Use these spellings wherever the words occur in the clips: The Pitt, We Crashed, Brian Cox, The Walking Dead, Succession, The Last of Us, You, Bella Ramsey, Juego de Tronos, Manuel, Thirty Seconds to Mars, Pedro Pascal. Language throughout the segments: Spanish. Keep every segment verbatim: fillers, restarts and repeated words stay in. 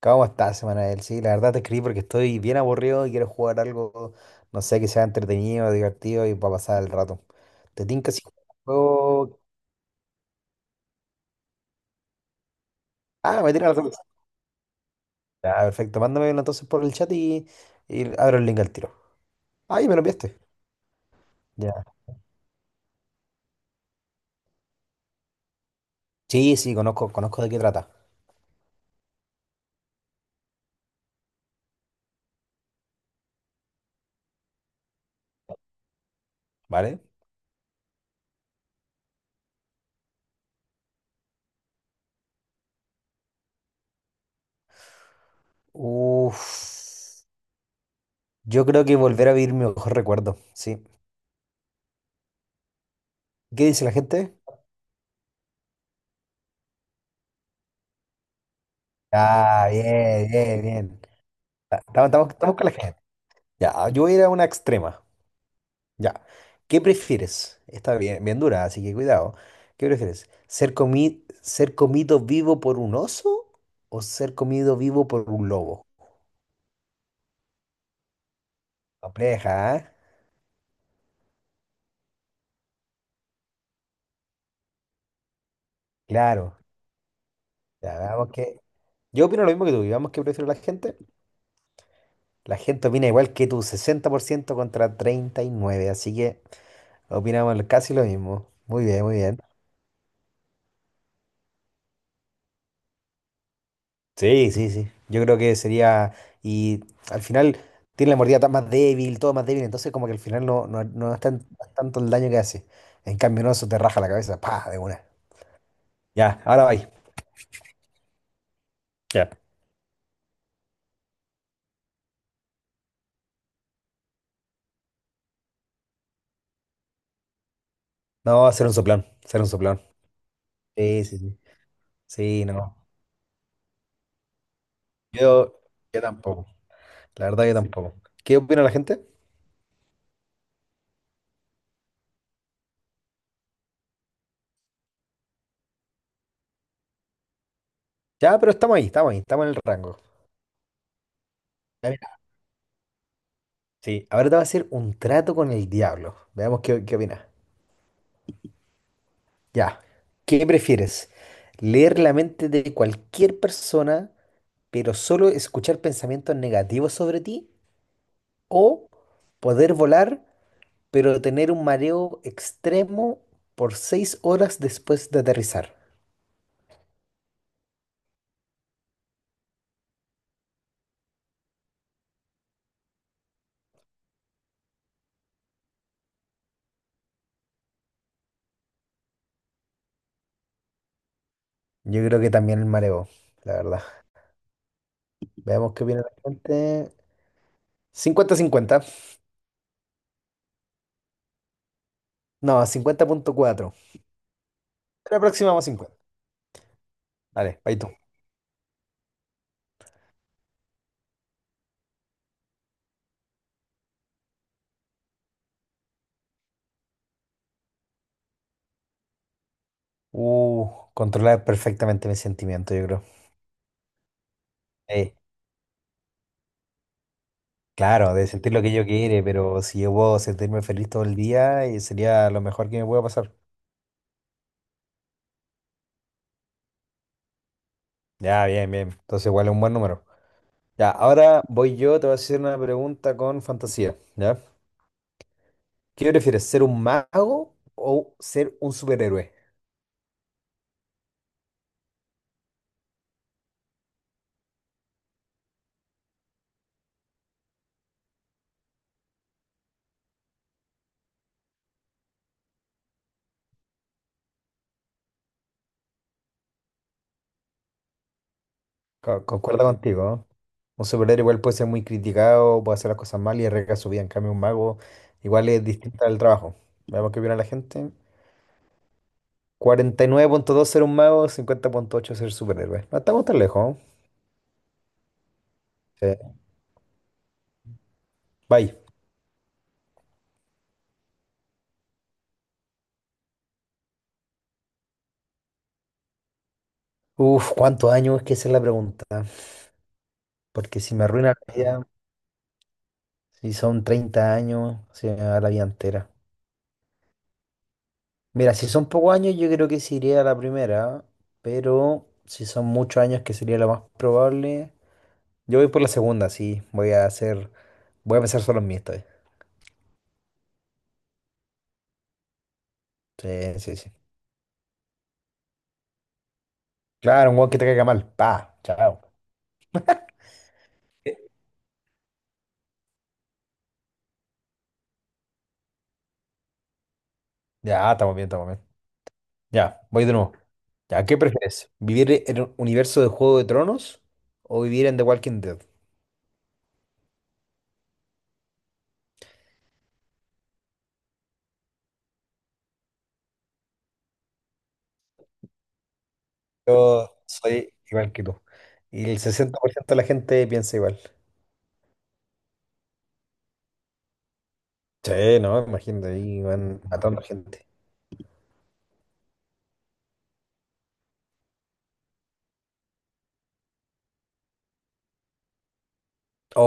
¿Cómo estás, Manuel? Sí, la verdad te escribí porque estoy bien aburrido y quiero jugar algo, no sé, que sea entretenido, divertido y para pasar el rato. ¿Te tinca si juego? Ah, me tiran la rato. Ya, perfecto. Mándame uno entonces por el chat y, y abro el link al tiro. Ahí me lo enviaste. Ya. Sí, sí, conozco, conozco de qué trata. ¿Vale? Uf. Yo creo que volver a vivir mi mejor recuerdo. Sí. ¿Qué dice la gente? Ah, bien, bien, bien. Ah, estamos, estamos, estamos con la gente. Ya, yo voy a ir a una extrema. Ya. ¿Qué prefieres? Está bien, bien dura, así que cuidado. ¿Qué prefieres? ¿Ser comi- ser comido vivo por un oso o ser comido vivo por un lobo? Compleja, ¿eh? Claro. Ya, veamos que... Yo opino lo mismo que tú. Y que prefiero la gente. La gente opina igual que tú, sesenta por ciento contra treinta y nueve, así que opinamos casi lo mismo. Muy bien, muy bien. Sí, sí, sí. Yo creo que sería. Y al final tiene la mordida tan más débil, todo más débil, entonces como que al final no, no, no es tan- no es tanto el daño que hace. En cambio, no, eso te raja la cabeza, pa, de una. Ya, ahora vais. Ya. No, hacer un soplón, hacer un soplón. Sí, sí, sí. Sí, no. Yo, yo tampoco. La verdad, yo tampoco. ¿Qué opina la gente? Ya, pero estamos ahí, estamos ahí, estamos en el rango. Ya, mira. Sí, ahora te voy a hacer un trato con el diablo. Veamos qué, qué opinas. Ya. ¿Qué prefieres? ¿Leer la mente de cualquier persona, pero solo escuchar pensamientos negativos sobre ti? ¿O poder volar, pero tener un mareo extremo por seis horas después de aterrizar? Yo creo que también el mareo, la verdad. Veamos qué opina la gente. cincuenta cincuenta. No, cincuenta punto cuatro. La próxima vamos a cincuenta. Dale, ahí tú. Uh, controlar perfectamente mis sentimientos, yo creo. Sí. Claro, de sentir lo que yo quiere, pero si yo puedo sentirme feliz todo el día, eh, sería lo mejor que me pueda pasar. Ya, bien, bien. Entonces igual es un buen número. Ya, ahora voy yo, te voy a hacer una pregunta con fantasía, ¿ya? ¿Qué prefieres, ser un mago o ser un superhéroe? Co- concuerdo contigo, ¿no? Un superhéroe igual puede ser muy criticado, puede hacer las cosas mal y arriesga su vida. En cambio, un mago igual es distinta al trabajo. Veamos qué opina la gente. Cuarenta y nueve punto dos ser un mago, cincuenta punto ocho ser superhéroe. No estamos tan lejos, ¿no? Sí. Bye. Uf, ¿cuántos años? Es que esa es la pregunta. Porque si me arruina la vida, si son treinta años, se me va la vida entera. Mira, si son pocos años, yo creo que sí iría a la primera, pero si son muchos años, que sería lo más probable, yo voy por la segunda, sí. Voy a hacer, voy a pensar solo en mí esta vez. Sí, sí, sí. Claro, un weón que te caiga mal. Pa, chao. ¿Qué? Ya, estamos bien, estamos bien. Ya, voy de nuevo. Ya, ¿qué prefieres? ¿Vivir en un universo de Juego de Tronos o vivir en The Walking Dead? Yo soy igual que tú. Y el sesenta por ciento de la gente piensa igual. Sí, no, imagínate, ahí van matando gente.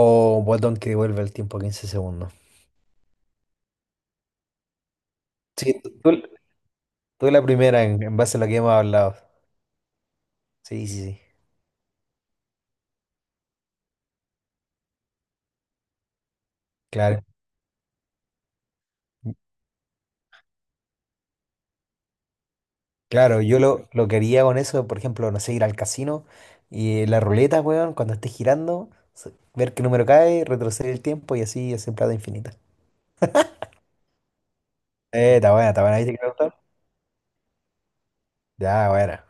O un botón que devuelve el tiempo quince segundos. Sí, tú, tú- tú la primera en, en, base a lo que hemos hablado. Sí, sí, sí. Claro. Claro, yo lo, lo que haría con eso, por ejemplo, no sé, ir al casino y la ruleta, weón, cuando esté girando, s- ver qué número cae, retroceder el tiempo y así es en plata infinita. Eh, está buena, está buena, ¿viste que me gustó? Ya, buena.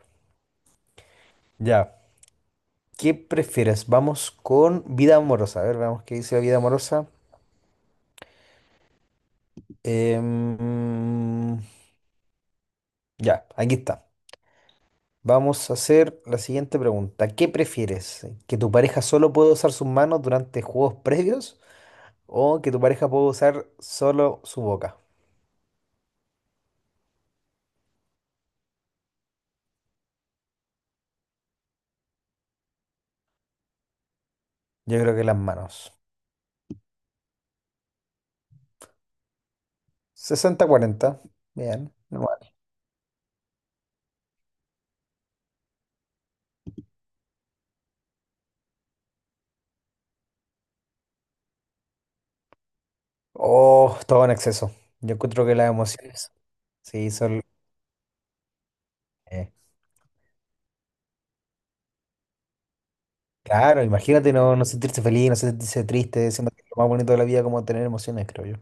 Ya. ¿Qué prefieres? Vamos con vida amorosa. A ver, veamos qué dice la vida amorosa. Em, ya, aquí está. Vamos a hacer la siguiente pregunta. ¿Qué prefieres? ¿Que tu pareja solo pueda usar sus manos durante juegos previos? ¿O que tu pareja pueda usar solo su boca? Yo creo que las manos. Sesenta cuarenta. Bien. No. Oh, todo en exceso. Yo encuentro que las emociones. Sí, son. eh, Claro, imagínate no, no sentirse feliz, no sentirse triste, siendo que lo más bonito de la vida como tener emociones, creo yo.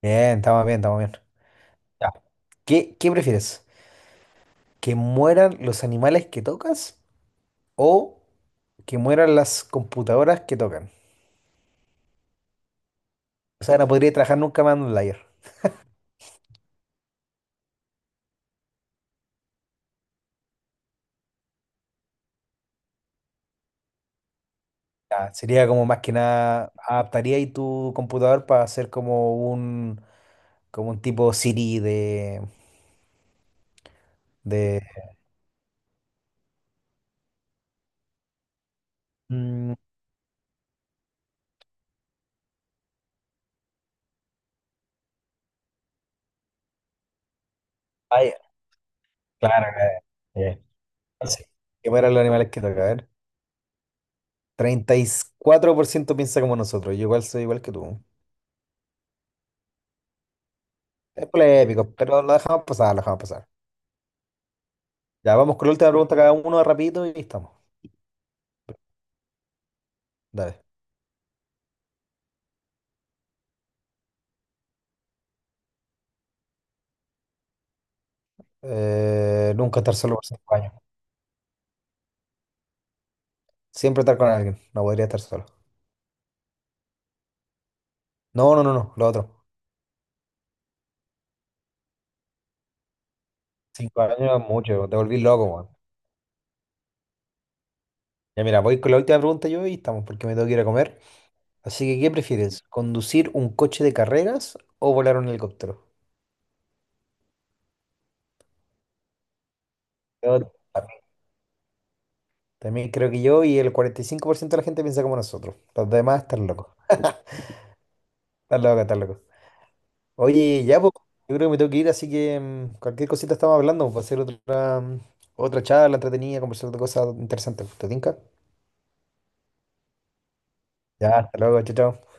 Bien, estamos bien, estamos bien. Ya. ¿Qué, qué prefieres? ¿Que mueran los animales que tocas o que mueran las computadoras que tocan? O sea, no podría trabajar nunca más en un layer. Ya, sería como más que nada, adaptaría ahí tu computador para hacer como un, como un, tipo Siri de, de... Mm, ay, claro, claro. Bien. Entonces, que mueran los animales que tocan, a ver. Treinta y cuatro por ciento piensa como nosotros. Yo igual soy igual que tú. Es polémico, pero lo dejamos pasar, lo dejamos pasar. Ya vamos con la última pregunta cada uno rapidito y estamos. Dale. Eh, nunca estar solo por cinco años. Siempre estar con alguien. No podría estar solo. No, no, no, no. Lo otro. Cinco años es mucho. Te volví loco, weón. Ya mira, voy con la última pregunta yo y estamos porque me tengo que ir a comer. Así que, ¿qué prefieres? ¿Conducir un coche de carreras o volar un helicóptero? Yo también también creo que yo y el cuarenta y cinco por ciento de la gente piensa como nosotros. Los demás están locos. Estás loco, estás loco. Oye, ya, pues, yo creo que me tengo que ir, así que mm, cualquier cosita estamos hablando, pues, va a ser otra, mm, otra charla entretenida, conversar de cosas interesantes. ¿Te tinca? Ya, hasta luego, chao, chao.